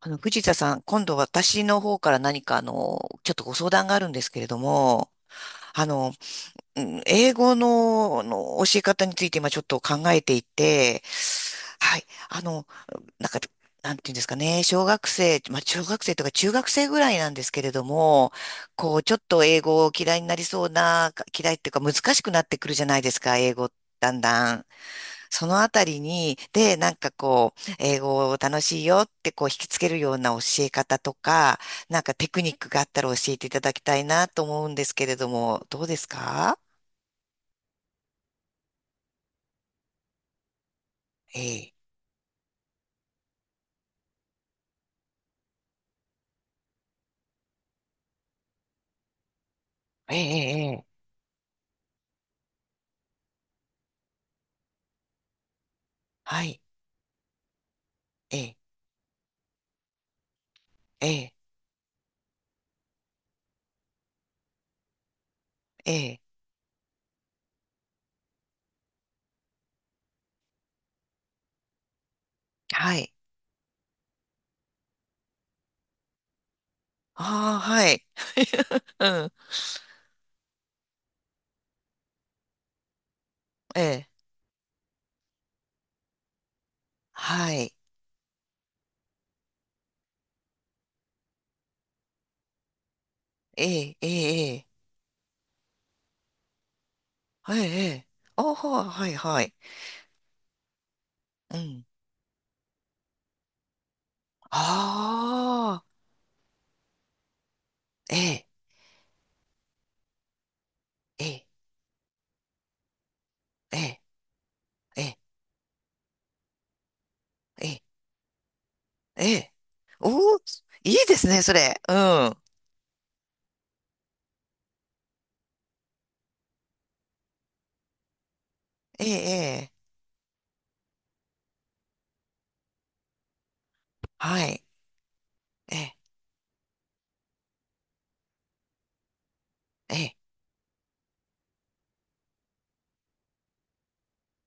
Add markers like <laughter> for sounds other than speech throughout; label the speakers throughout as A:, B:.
A: 藤田さん、今度私の方から何かちょっとご相談があるんですけれども、あの、うん、英語の、教え方について今ちょっと考えていて、はい、あの、なんか、なんていうんですかね、小学生、まあ、小学生とか中学生ぐらいなんですけれども、こう、ちょっと英語を嫌いになりそうな、嫌いっていうか難しくなってくるじゃないですか、英語、だんだん。そのあたりに、で、なんかこう、英語を楽しいよってこう引きつけるような教え方とか、なんかテクニックがあったら教えていただきたいなと思うんですけれども、どうですか？ええ、ええ、ええ、はい、ええ、ええ、ええ、はい。ああ、はい。<laughs> うん、ええ、はい、ええ、ええ、ええ、はい、ええ、ああ、はい、はい。うん、ああ、ええ、ええ、ええ、ええ、ええ。おお、いいですね、それ。うん。ええ、ええ。はい。ええ、ええ、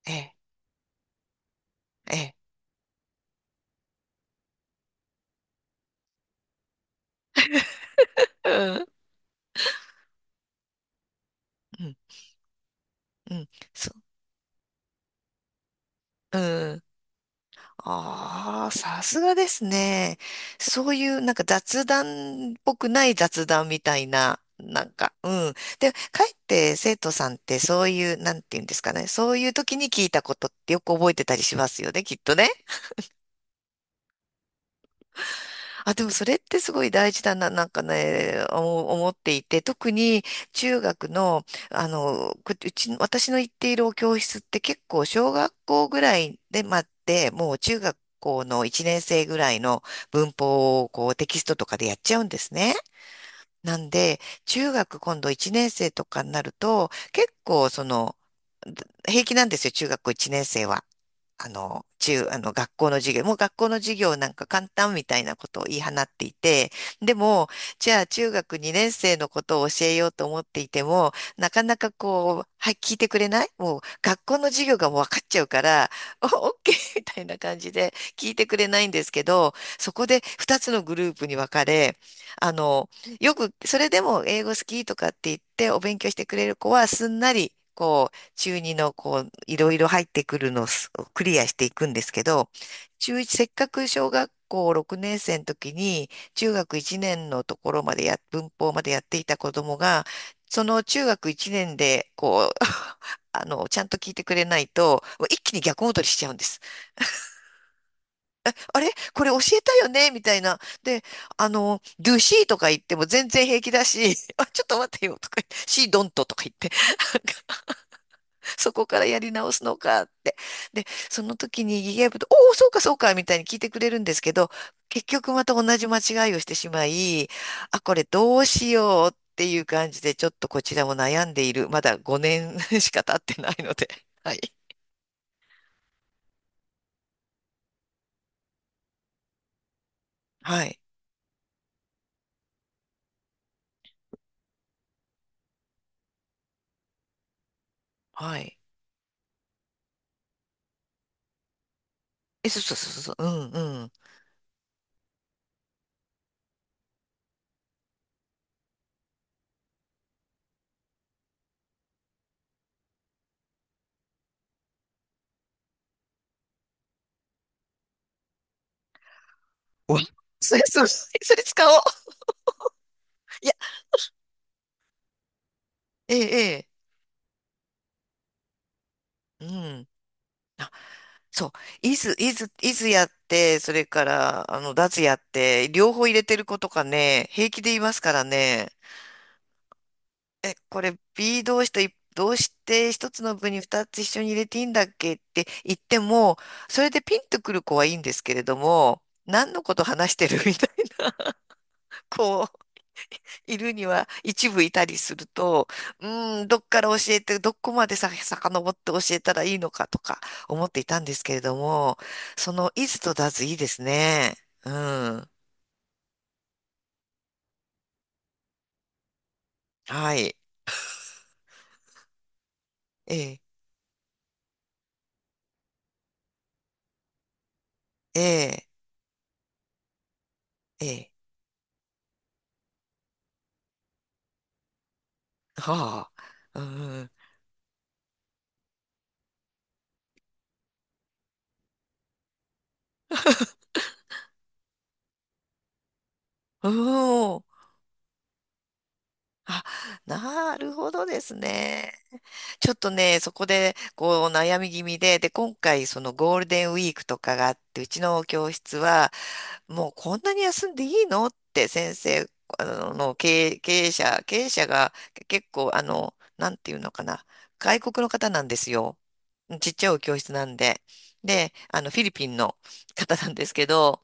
A: ええ、ええ。うん、うん、うん。そう、うん。ああ、さすがですね。そういう、なんか雑談っぽくない雑談みたいな、なんか、うん。で、かえって生徒さんってそういう、なんていうんですかね。そういう時に聞いたことってよく覚えてたりしますよね、きっとね。あ、でもそれってすごい大事だな、なんかね、思っていて、特に中学の、こうち、私の行っているお教室って結構小学校ぐらいで待って、もう中学校の1年生ぐらいの文法をこうテキストとかでやっちゃうんですね。なんで、中学今度1年生とかになると、結構その、平気なんですよ、中学校1年生は。あの、中、あの、学校の授業、もう学校の授業なんか簡単みたいなことを言い放っていて、でも、じゃあ中学2年生のことを教えようと思っていても、なかなかこう、はい、聞いてくれないもう学校の授業がもう分かっちゃうから、お、オッケー <laughs> みたいな感じで聞いてくれないんですけど、そこで2つのグループに分かれ、あの、よく、それでも英語好きとかって言ってお勉強してくれる子はすんなり、中二のこう、いろいろ入ってくるのをクリアしていくんですけど、中1、せっかく小学校6年生の時に、中学1年のところまで文法までやっていた子供が、その中学1年で、こう、<laughs> ちゃんと聞いてくれないと、一気に逆戻りしちゃうんです。あれこれ教えたよねみたいな。で、do she とか言っても全然平気だし、<laughs> あ、ちょっと待ってよとか言って、she don't とか言って、<laughs> そこからやり直すのかって。で、その時にギガ部と、おお、そうかそうかみたいに聞いてくれるんですけど、結局また同じ間違いをしてしまい、あ、これどうしようっていう感じで、ちょっとこちらも悩んでいる。まだ5年 <laughs> しか経ってないので。<laughs> はい。はい。はい。え、そうそうそうそう。うんうん。おそれ、それ、それ使おう。いや、ええ、ええ。うん。そう。イズ、イズ、イズやって、それから、ダズやって、両方入れてる子とかね、平気で言いますからね。え、これ B 動詞とどうして一つの部に二つ一緒に入れていいんだっけって言っても、それでピンとくる子はいいんですけれども、何のこと話してるみたいな、こう。いるには一部いたりすると、うーん、どっから教えて、どこまでさ、遡って教えたらいいのかとか思っていたんですけれども、その、いズとだずいいですね。うん。はい。ええ、ええ、ええ。はあ。うん。うん。おーあ、なるほどですね。ちょっとね、そこで、こう、悩み気味で、で、今回、そのゴールデンウィークとかがあって、うちの教室は、もうこんなに休んでいいのって先生、あの、の経営、経営者、経営者が結構、なんていうのかな、外国の方なんですよ。ちっちゃいお教室なんで。で、フィリピンの方なんですけど、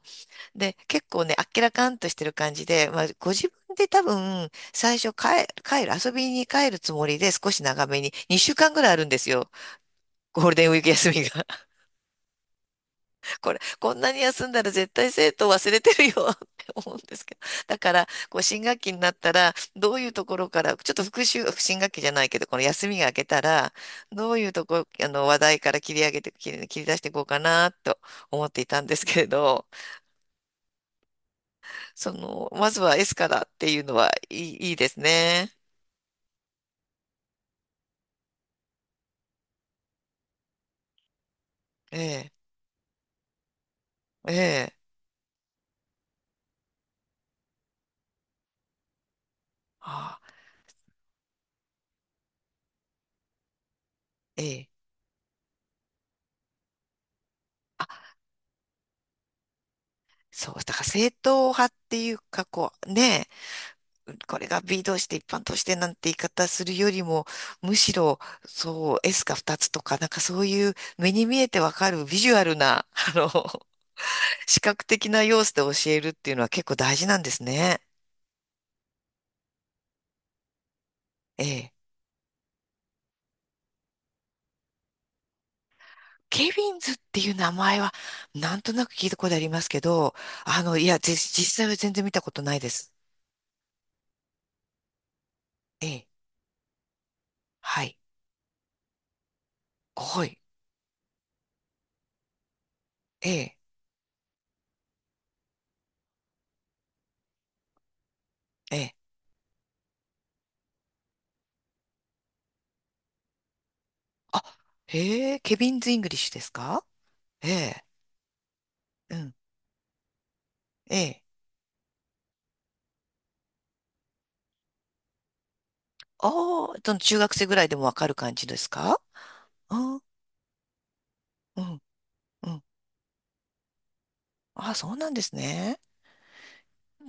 A: で、結構ね、あっけらかんとしてる感じで、まあ、ご自分で多分、最初帰、帰る、遊びに帰るつもりで少し長めに、2週間ぐらいあるんですよ。ゴールデンウィーク休みが。<laughs> これ、こんなに休んだら絶対生徒忘れてるよ <laughs> って思うんですけど。だから、こう、新学期になったら、どういうところから、ちょっと復習、新学期じゃないけど、この休みが明けたら、どういうとこ、話題から切り上げて、切り出していこうかな、と思っていたんですけれど、その、まずは S からっていうのはいいですね。ええ、ええ、あええ。あ、そう、だから正統派っていうか、こう、ねえ、これが B 同士で一般としてなんて言い方するよりも、むしろ、そう、S が2つとか、なんかそういう目に見えてわかるビジュアルな、<laughs> 視覚的な要素で教えるっていうのは結構大事なんですね。ええ。ケビンズっていう名前は、なんとなく聞いたことありますけど、いや、実際は全然見たことないです。ええ、はい、はい、ええ、ええ。あ、へえ、ケビンズ・イングリッシュですか？ええ、うん、ええ。ああ、その中学生ぐらいでもわかる感じですか？うん、うん、うん。あ、そうなんですね。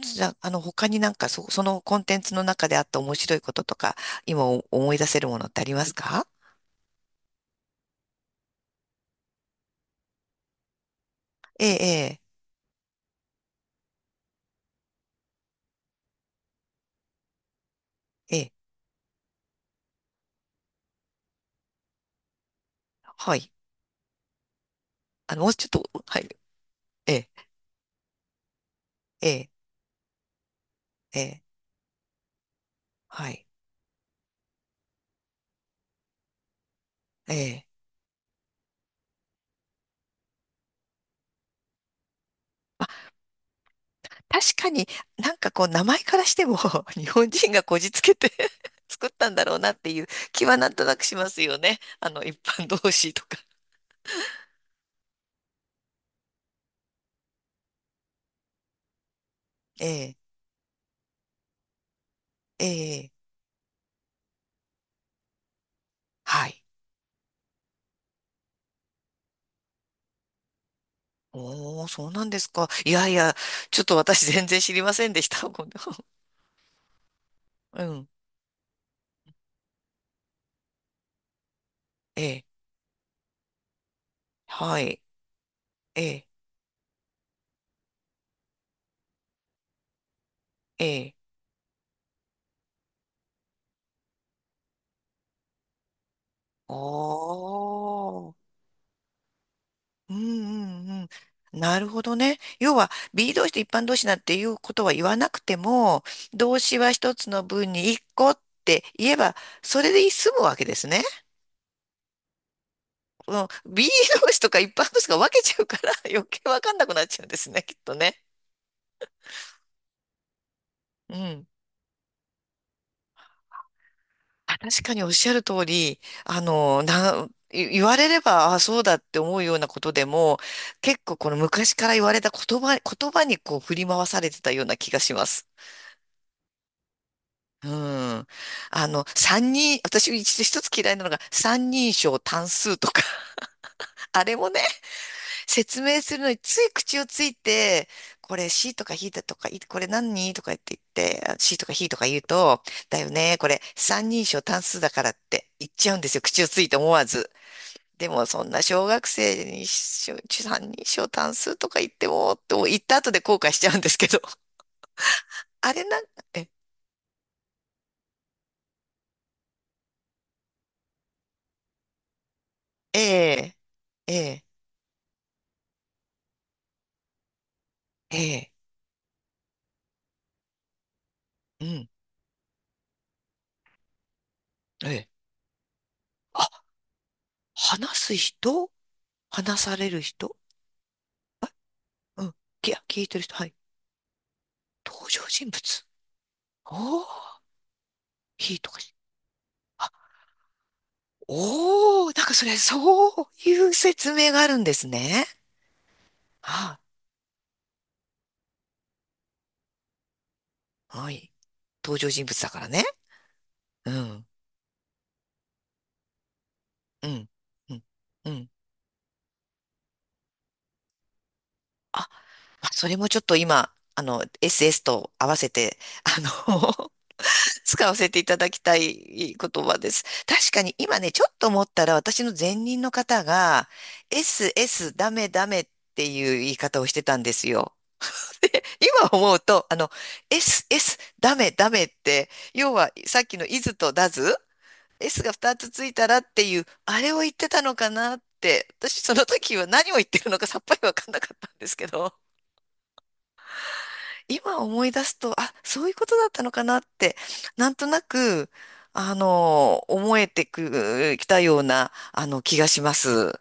A: じゃあ、他になんか、そのコンテンツの中であった面白いこととか、今思い出せるものってありますか？ええ、ええ、ええ、はい。もうちょっと、はい。ええ、ええ、ええ、はい。ええ。まあ、確かになんかこう名前からしても <laughs> 日本人がこじつけて <laughs> 作ったんだろうなっていう気はなんとなくしますよね。一般同士とか。ええ、ええ、はい。おお、そうなんですか。いやいや、ちょっと私全然知りませんでした。<laughs> うん。ええ、はい。ええ、ええ。おー。うん、うん、うん。なるほどね。要は、B 動詞と一般動詞なんていうことは言わなくても、動詞は一つの文に一個って言えば、それで済むわけですね。うん、B 動詞とか一般動詞が分けちゃうから <laughs> 余計わかんなくなっちゃうんですね、きっとね。うん。あ、確かにおっしゃる通り、な、い言われれば、あ、そうだって思うようなことでも、結構この昔から言われた言葉にこう振り回されてたような気がします。うん。私一つ嫌いなのが三人称単数とか、<laughs> あれもね、説明するのについ口をついて、これ C とか H だとか、これ何とか言って言って、あ、 C とか H とか言うと、だよね、これ三人称単数だからって言っちゃうんですよ。口をついて思わず。でもそんな小学生に三人称単数とか言っても、と言った後で後悔しちゃうんですけど、<laughs> あれなんか、え、ええ、ええ、ええ、うん、ええ。話す人、話される人、うん。聞いてる人、はい。登場人物、おー、いいとかし。あ、おー、なんかそれ、そういう説明があるんですね。あ、はい。登場人物だからね。うん、うん、うん、うん。あ、まあそれもちょっと今、SS と合わせて、あの <laughs> 使わせていただきたい言葉です。確かに今ね、ちょっと思ったら私の前任の方が、SS ダメダメっていう言い方をしてたんですよ。<laughs> で今思うと、SS ダメダメって、要はさっきのイズとダズ s が2つついたらっていう、あれを言ってたのかなって、私その時は何を言ってるのかさっぱりわかんなかったんですけど。今思い出すと、あ、そういうことだったのかなって、なんとなく、思えてく、きたような、気がします。